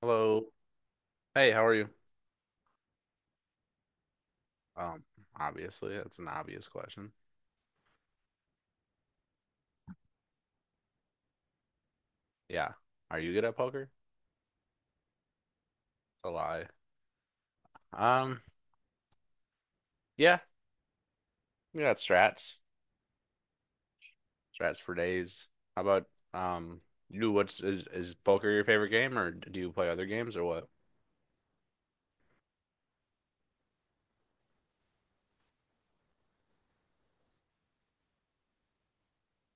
Hello. Hey, how are you? Um, Obviously, that's an obvious question. Yeah. Are you good at poker? It's a lie. Um, yeah, we got strats. Strats for days. How about um you what's is poker your favorite game or do you play other games or what?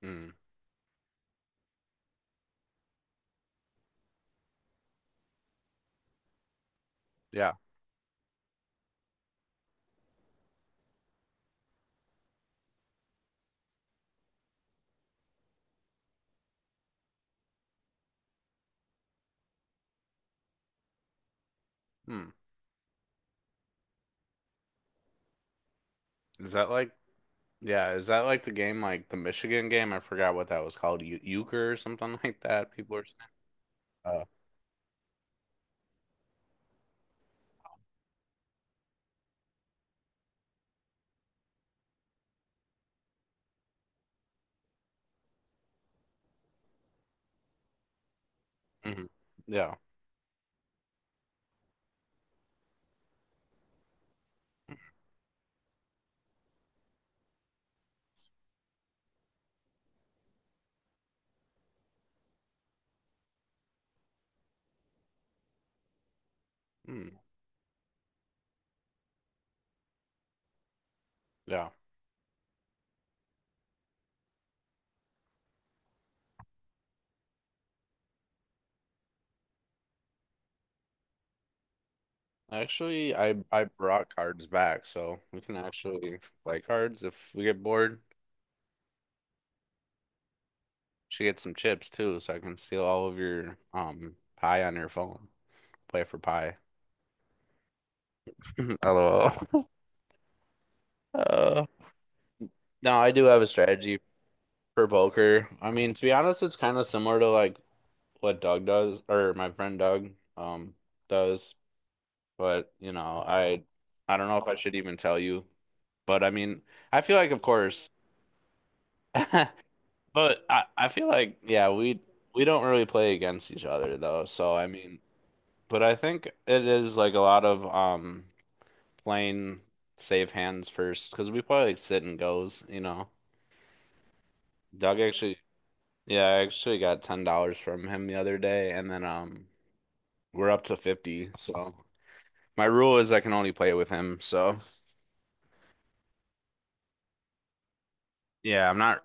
Hmm. Yeah. Hmm. Is that like Yeah, is that like the game like the Michigan game? I forgot what that was called. Euchre or something like that. People are saying. Uh, mhm. Yeah. Hmm. Yeah. Actually, I brought cards back, so we can actually play cards if we get bored. She gets some chips too, so I can steal all of your pie on your phone. Play for pie. LOL. Uh, no, I do have a strategy for poker. I mean, to be honest, it's kind of similar to like what Doug does or my friend Doug um does, but you know, I don't know if I should even tell you, but I mean, I feel like of course. But I feel like yeah, we don't really play against each other though. So I mean, but I think it is like a lot of playing save hands first because we play like sit and goes, you know. Doug actually, yeah, I actually got $10 from him the other day, and then we're up to 50. So my rule is I can only play with him. So yeah, I'm not.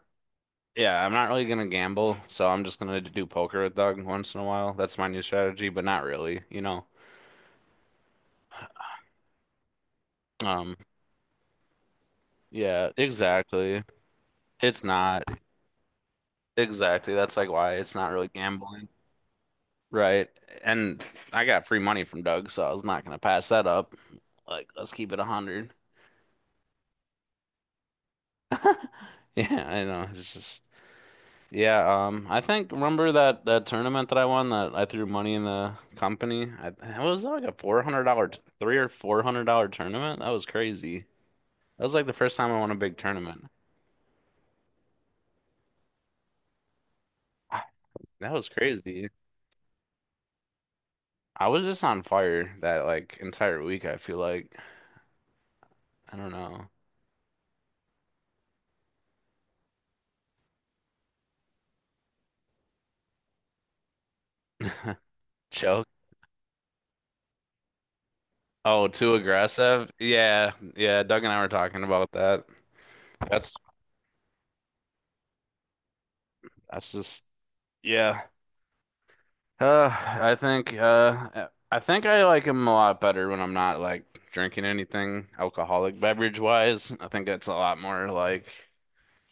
Yeah, I'm not really gonna gamble, so I'm just gonna do poker with Doug once in a while. That's my new strategy, but not really, you know. Um, Yeah, exactly. It's not. Exactly. That's like why it's not really gambling. Right. And I got free money from Doug, so I was not gonna pass that up. Like, let's keep it a hundred. Yeah, I know. It's just yeah, I think remember that tournament that I won that I threw money in the company? I it was like a $400 three or four hundred dollar tournament. That was crazy. That was like the first time I won a big tournament. Ah, that was crazy. I was just on fire that like entire week, I feel like. I don't know. Choke? Oh, too aggressive? Yeah, yeah. Doug and I were talking about that. That's that's just yeah. Uh, I think I think I like him a lot better when I'm not like drinking anything alcoholic beverage wise. I think it's a lot more like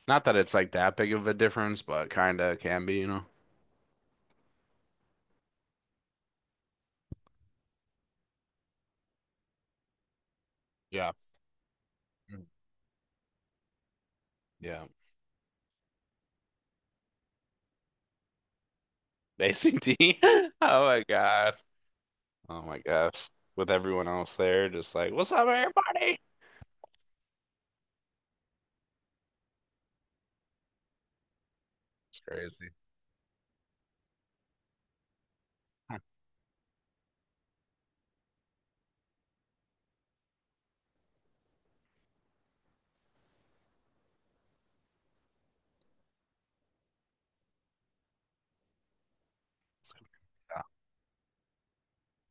not that it's like that big of a difference, but kind of can be, you know. Yeah. Mm. Yeah. Basic D. Oh my God. Oh my gosh. With everyone else there, just like, what's up, everybody? It's crazy.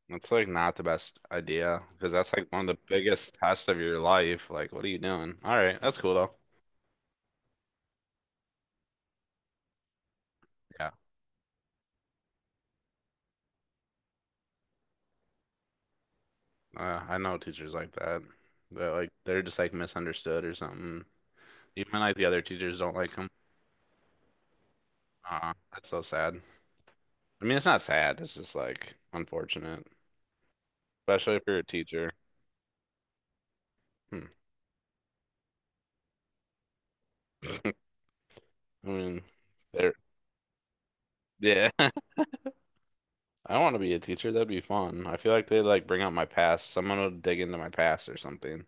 That's like not the best idea because that's like one of the biggest tests of your life. Like, what are you doing? All right, that's cool though. Yeah, I know teachers like that, but like they're just like misunderstood or something. Even like the other teachers don't like them. That's so sad. I mean, it's not sad. It's just like unfortunate, especially if you're a teacher. Hmm. I mean, they're yeah. I want to be a teacher. That'd be fun. I feel like they'd like bring out my past. Someone would dig into my past or something.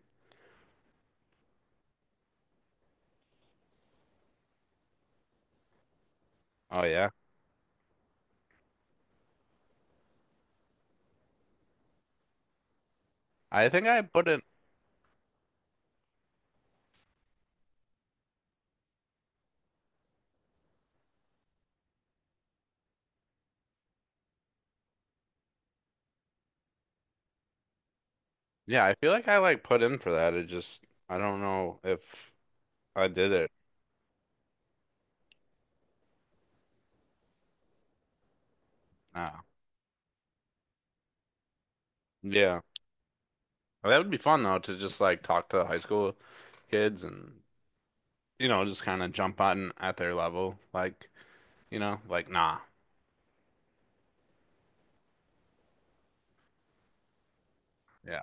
Oh yeah. I think I put in Yeah, I feel like I like put in for that. It just I don't know if I did it. Ah, yeah. That would be fun though to just like talk to high school kids and you know just kind of jump on at their level like you know like nah. Yeah.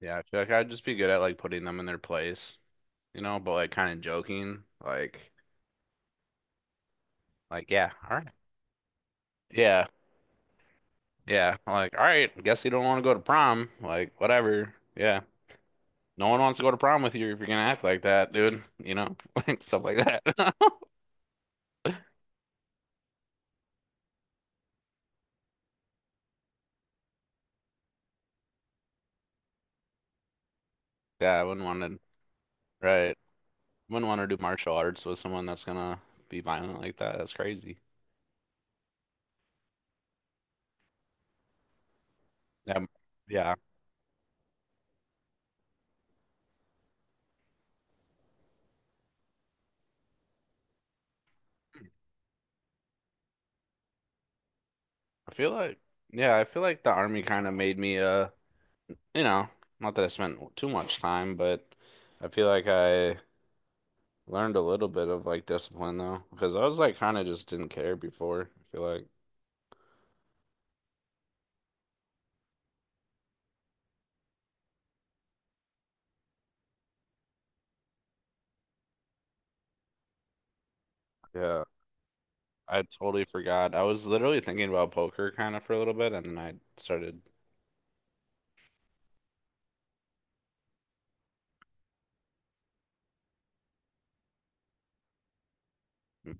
Yeah, I feel like I'd just be good at like putting them in their place, you know, but like kind of joking like yeah, all right. Yeah. Yeah, like all right, guess you don't want to go to prom, like whatever. Yeah. No one wants to go to prom with you if you're gonna act like that, dude. You know, stuff like that. Yeah, I wouldn't want to, right? Wouldn't want to do martial arts with someone that's gonna be violent like that. That's crazy. Yeah, yeah. I feel like, yeah, I feel like the army kind of made me, you know, not that I spent too much time, but I feel like I learned a little bit of like discipline though, because I was like kind of just didn't care before. I feel like, yeah, I totally forgot. I was literally thinking about poker kind of for a little bit, and then I started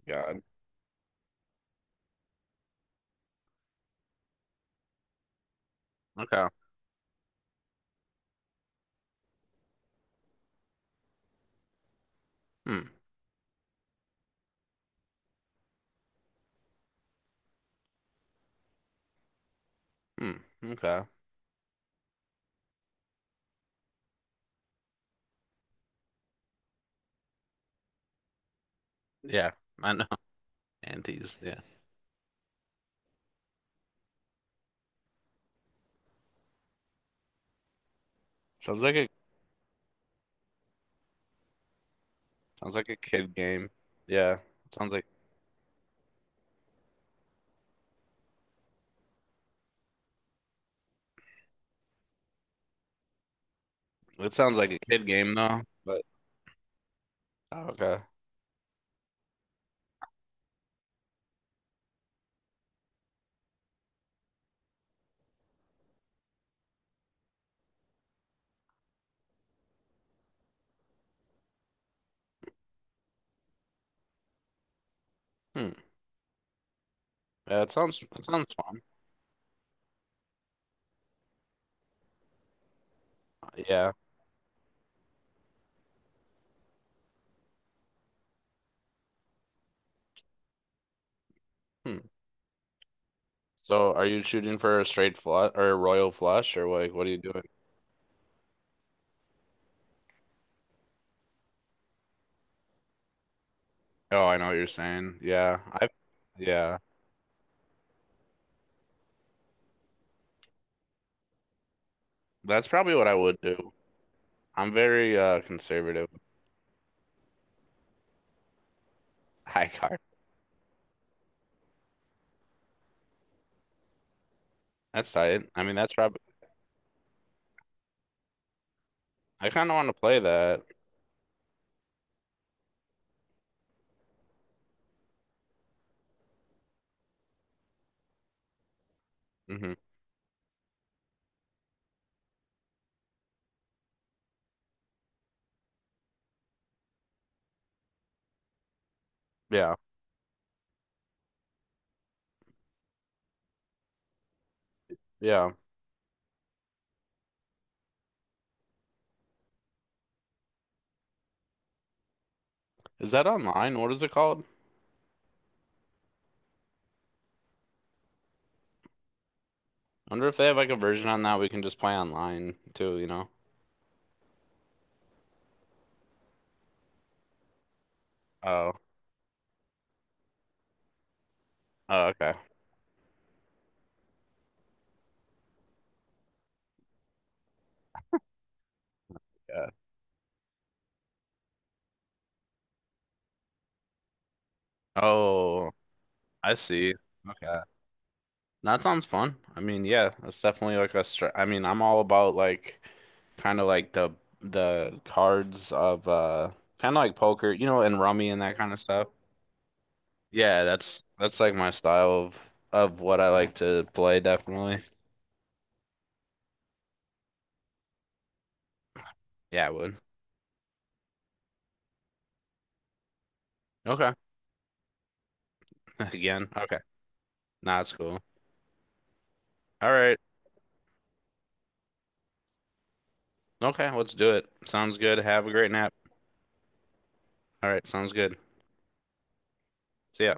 God. Okay. Hmm. Hmm. Okay. Yeah. I know. Antes. Yeah. Sounds like a Sounds like a kid game. Yeah. Sounds like It sounds like a kid game though. But oh, okay. Hmm. Yeah. It sounds fun. Yeah. Hmm. So are you shooting for a straight flush or a royal flush or like what are you doing? Oh, I know what you're saying. Yeah. I. Yeah. That's probably what I would do. I'm very conservative. High card. That's tight. I mean, that's probably. I kind of want to play that. Hmm. Yeah. Yeah. Is that online? What is it called? I wonder if they have like a version on that we can just play online too, you know? Oh. Oh, okay. Yeah. Oh, I see. Okay. That sounds fun. I mean, yeah, that's definitely like a str I mean, I'm all about like kind of like the cards of kind of like poker, you know, and rummy and that kind of stuff. Yeah, that's like my style of what I like to play, definitely. Yeah, I would. Okay. Again. Okay. Nah, it's cool. All right. Okay, let's do it. Sounds good. Have a great nap. All right, sounds good. See ya.